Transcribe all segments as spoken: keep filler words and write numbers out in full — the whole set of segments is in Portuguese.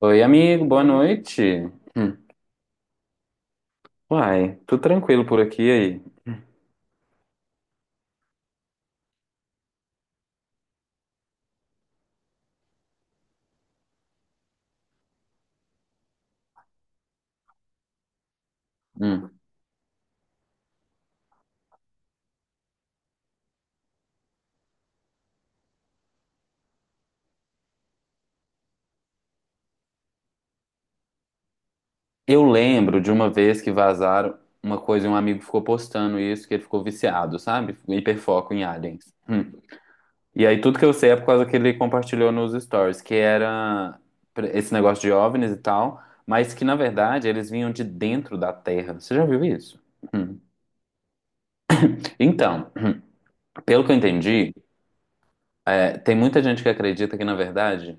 Oi, amigo, boa noite. Hum. Uai, tudo tranquilo por aqui e aí? Hum. Eu lembro de uma vez que vazaram uma coisa e um amigo ficou postando isso, que ele ficou viciado, sabe? Hiperfoco em aliens. Hum. E aí tudo que eu sei é por causa que ele compartilhou nos stories, que era pre- esse negócio de OVNIs e tal, mas que na verdade eles vinham de dentro da Terra. Você já viu isso? Hum. Então, pelo que eu entendi, é, tem muita gente que acredita que na verdade,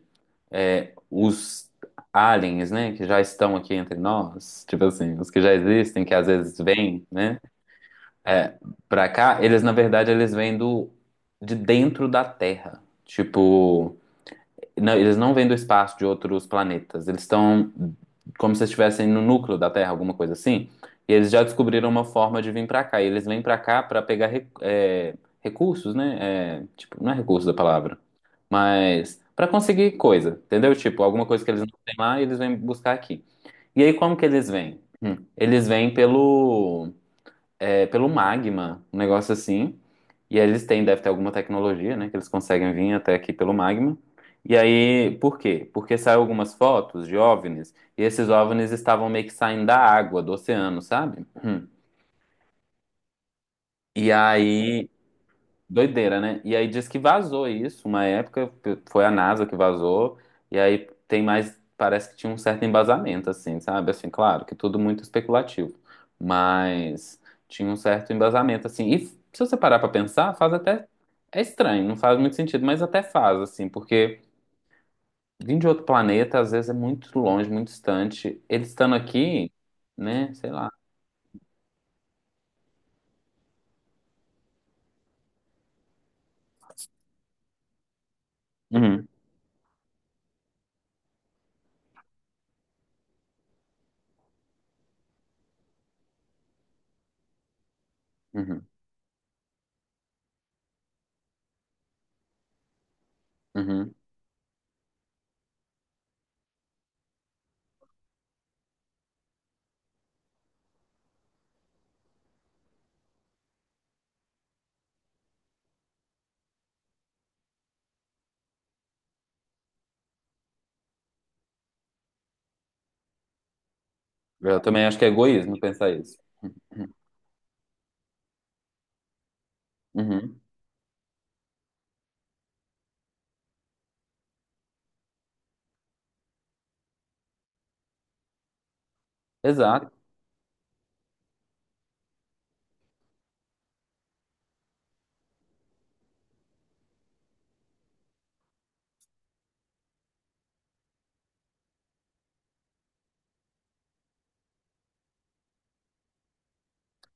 é, os aliens, né, que já estão aqui entre nós, tipo assim, os que já existem, que às vezes vêm, né, é, pra cá. Eles, na verdade, eles vêm do, de dentro da Terra. Tipo, não, eles não vêm do espaço de outros planetas. Eles estão como se estivessem no núcleo da Terra, alguma coisa assim. E eles já descobriram uma forma de vir pra cá. E eles vêm pra cá pra pegar re- é, recursos, né? É, tipo, não é recurso da palavra, mas pra conseguir coisa, entendeu? Tipo, alguma coisa que eles não têm lá, eles vêm buscar aqui. E aí, como que eles vêm? Hum, Eles vêm pelo é, pelo magma, um negócio assim. E aí eles têm, deve ter alguma tecnologia, né, que eles conseguem vir até aqui pelo magma. E aí, por quê? Porque saiu algumas fotos de OVNIs, e esses OVNIs estavam meio que saindo da água, do oceano, sabe? Hum. E aí, doideira, né? E aí diz que vazou isso, uma época foi a NASA que vazou, e aí tem mais, parece que tinha um certo embasamento, assim, sabe? Assim, claro, que tudo muito especulativo, mas tinha um certo embasamento, assim. E se você parar pra pensar, faz até. É estranho, não faz muito sentido, mas até faz, assim, porque vir de outro planeta, às vezes, é muito longe, muito distante. Eles estando aqui, né? Sei lá. Uhum, uhum, uhum. Eu também acho que é egoísmo pensar isso. Uhum. Uhum. Exato.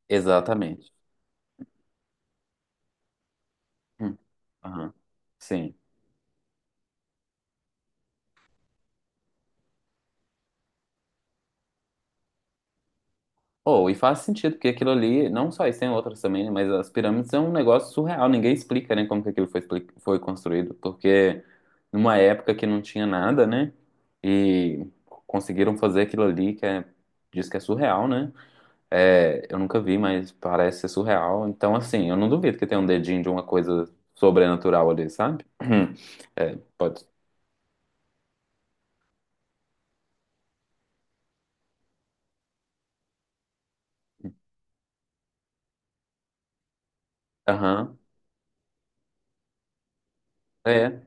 Exatamente. Hum. Aham. Sim. Ou e faz sentido, porque aquilo ali, não só isso, tem outras também, né, mas as pirâmides é um negócio surreal, ninguém explica, né, como que aquilo foi, expli- foi construído, porque numa época que não tinha nada, né, e conseguiram fazer aquilo ali, que é, diz que é surreal, né, é, eu nunca vi, mas parece ser surreal, então, assim, eu não duvido que tenha um dedinho de uma coisa sobrenatural ali, sabe? É, pode. Aham. É.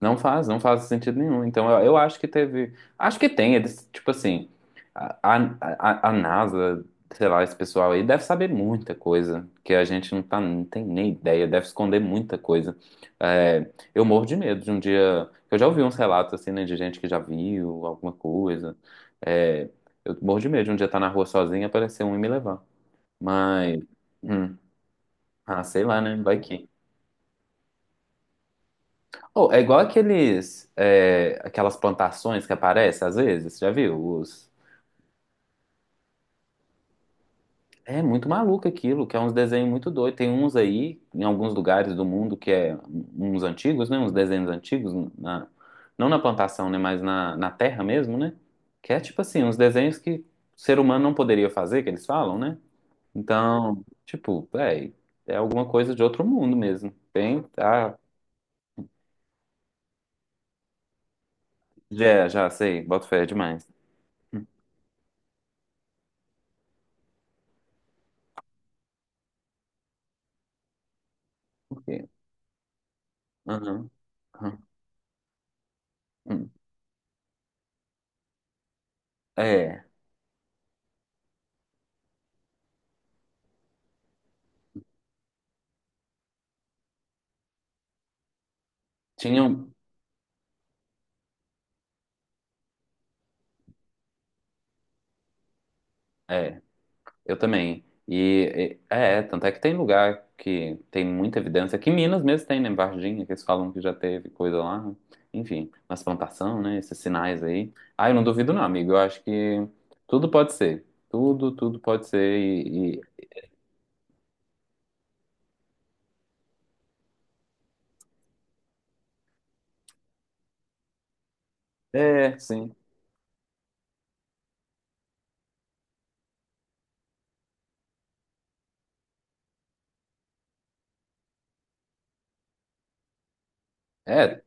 Não faz, não faz sentido nenhum. Então, eu, eu acho que teve. Acho que tem, eles, tipo assim, a, a, a a NASA, sei lá, esse pessoal aí deve saber muita coisa que a gente não, tá, não tem nem ideia, deve esconder muita coisa. É, eu morro de medo de um dia. Eu já ouvi uns relatos assim, né, de gente que já viu alguma coisa. É, eu morro de medo de um dia estar na rua sozinho e aparecer um e me levar. Mas, hum, ah, sei lá, né? Vai que. Oh, é igual aqueles, é, aquelas plantações que aparecem às vezes, já viu? Os... É muito maluco aquilo, que é uns desenhos muito doidos. Tem uns aí, em alguns lugares do mundo, que é uns antigos, né? Uns desenhos antigos, na... não na plantação, né? Mas na, na terra mesmo, né? Que é tipo assim, uns desenhos que o ser humano não poderia fazer, que eles falam, né? Então, tipo, é, é alguma coisa de outro mundo mesmo. Tem, tá? Já, já sei, boto fé demais. Por quê? Aham, aham. Hum. É, tinham. É, eu também. E e- é, tanto é que tem lugar que tem muita evidência, que Minas mesmo tem, né? Em Varginha, que eles falam que já teve coisa lá, né? Enfim, nas plantação, né? Esses sinais aí. Ah, eu não duvido, não, amigo. Eu acho que tudo pode ser. Tudo, tudo pode ser. E, e- é, sim. É,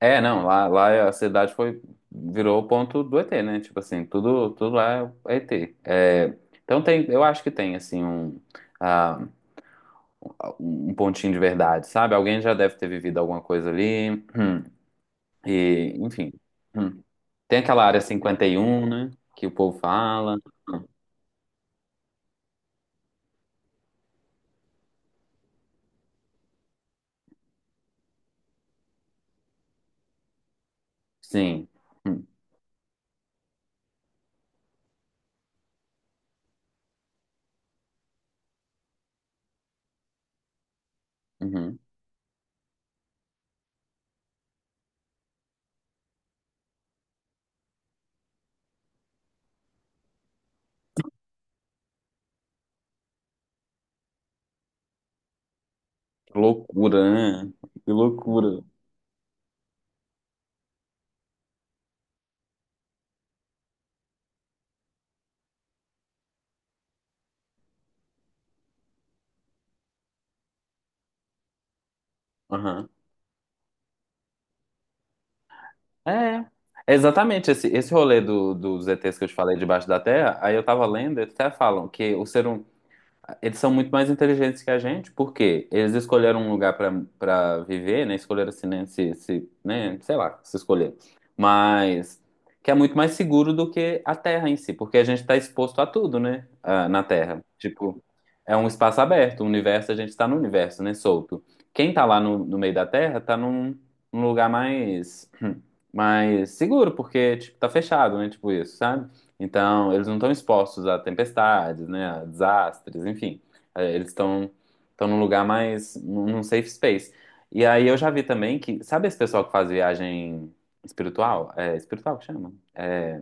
é, não. Lá, lá a cidade foi. Virou o ponto do E T, né? Tipo assim, tudo, tudo lá é E T. É, então tem, eu acho que tem, assim, um. um um pontinho de verdade, sabe? Alguém já deve ter vivido alguma coisa ali. hum, E, enfim. Hum. Tem aquela área cinquenta e um, né? Que o povo fala. Hum. Sim. Hum, uhum. Que loucura, né? Que loucura. Aham. É. É, exatamente, esse, esse rolê do, dos E Ts que eu te falei debaixo da terra, aí eu tava lendo, eles até falam que o ser, hum- eles são muito mais inteligentes que a gente, porque eles escolheram um lugar para para viver, né? Escolheram assim, né? Se, se, né? Sei lá, se escolher. Mas que é muito mais seguro do que a Terra em si, porque a gente está exposto a tudo, né? Ah, na Terra. Tipo, é um espaço aberto, o universo, a gente está no universo, né? Solto. Quem tá lá no, no meio da Terra tá num, num lugar mais, mais seguro, porque, tipo, tá fechado, né? Tipo isso, sabe? Então, eles não estão expostos a tempestades, né, a desastres, enfim. É, eles estão estão num lugar mais, num num safe space. E aí eu já vi também que, sabe esse pessoal que faz viagem espiritual? É, espiritual que chama? É,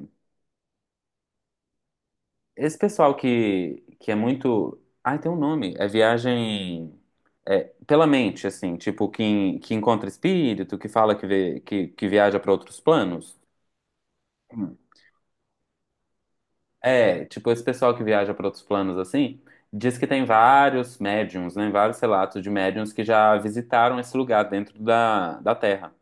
esse pessoal que, que é muito. Ai, tem um nome. É viagem é, pela mente, assim, tipo, que, que encontra espírito, que fala que, vê, que, que viaja para outros planos. É, tipo, esse pessoal que viaja para outros planos assim, diz que tem vários médiums, né? Vários relatos de médiums que já visitaram esse lugar dentro da, da Terra.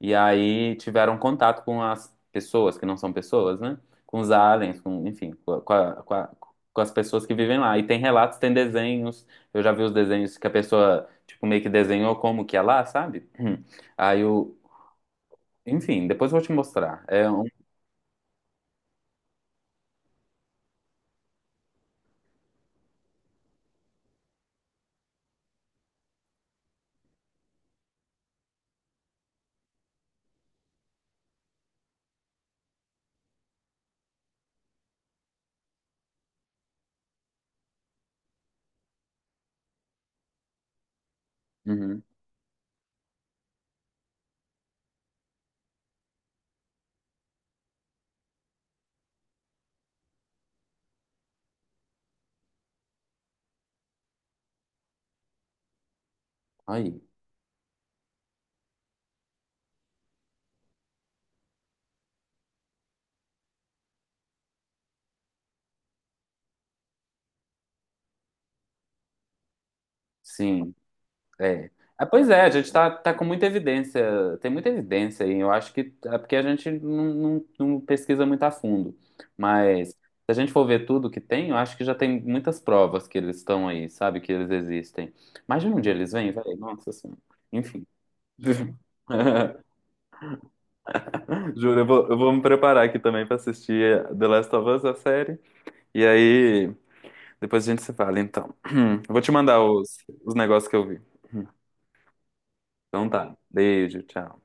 E aí tiveram contato com as pessoas, que não são pessoas, né? Com os aliens, com, enfim, com, a- com, a- com a- com as pessoas que vivem lá. E tem relatos, tem desenhos. Eu já vi os desenhos que a pessoa, tipo, meio que desenhou como que é lá, sabe? Aí o. Enfim, depois eu vou te mostrar. É um. Uhum. Aí, sim. É. Ah, pois é, a gente tá, tá com muita evidência, tem muita evidência aí. Eu acho que é porque a gente não, não- não pesquisa muito a fundo. Mas se a gente for ver tudo que tem, eu acho que já tem muitas provas que eles estão aí, sabe? Que eles existem. Imagina um dia eles vêm, velho. Nossa Senhora. Enfim. Juro, eu vou, eu vou me preparar aqui também pra assistir The Last of Us, a série. E aí, depois a gente se fala, então. Eu vou te mandar os, os negócios que eu vi. Então tá. Beijo, tchau.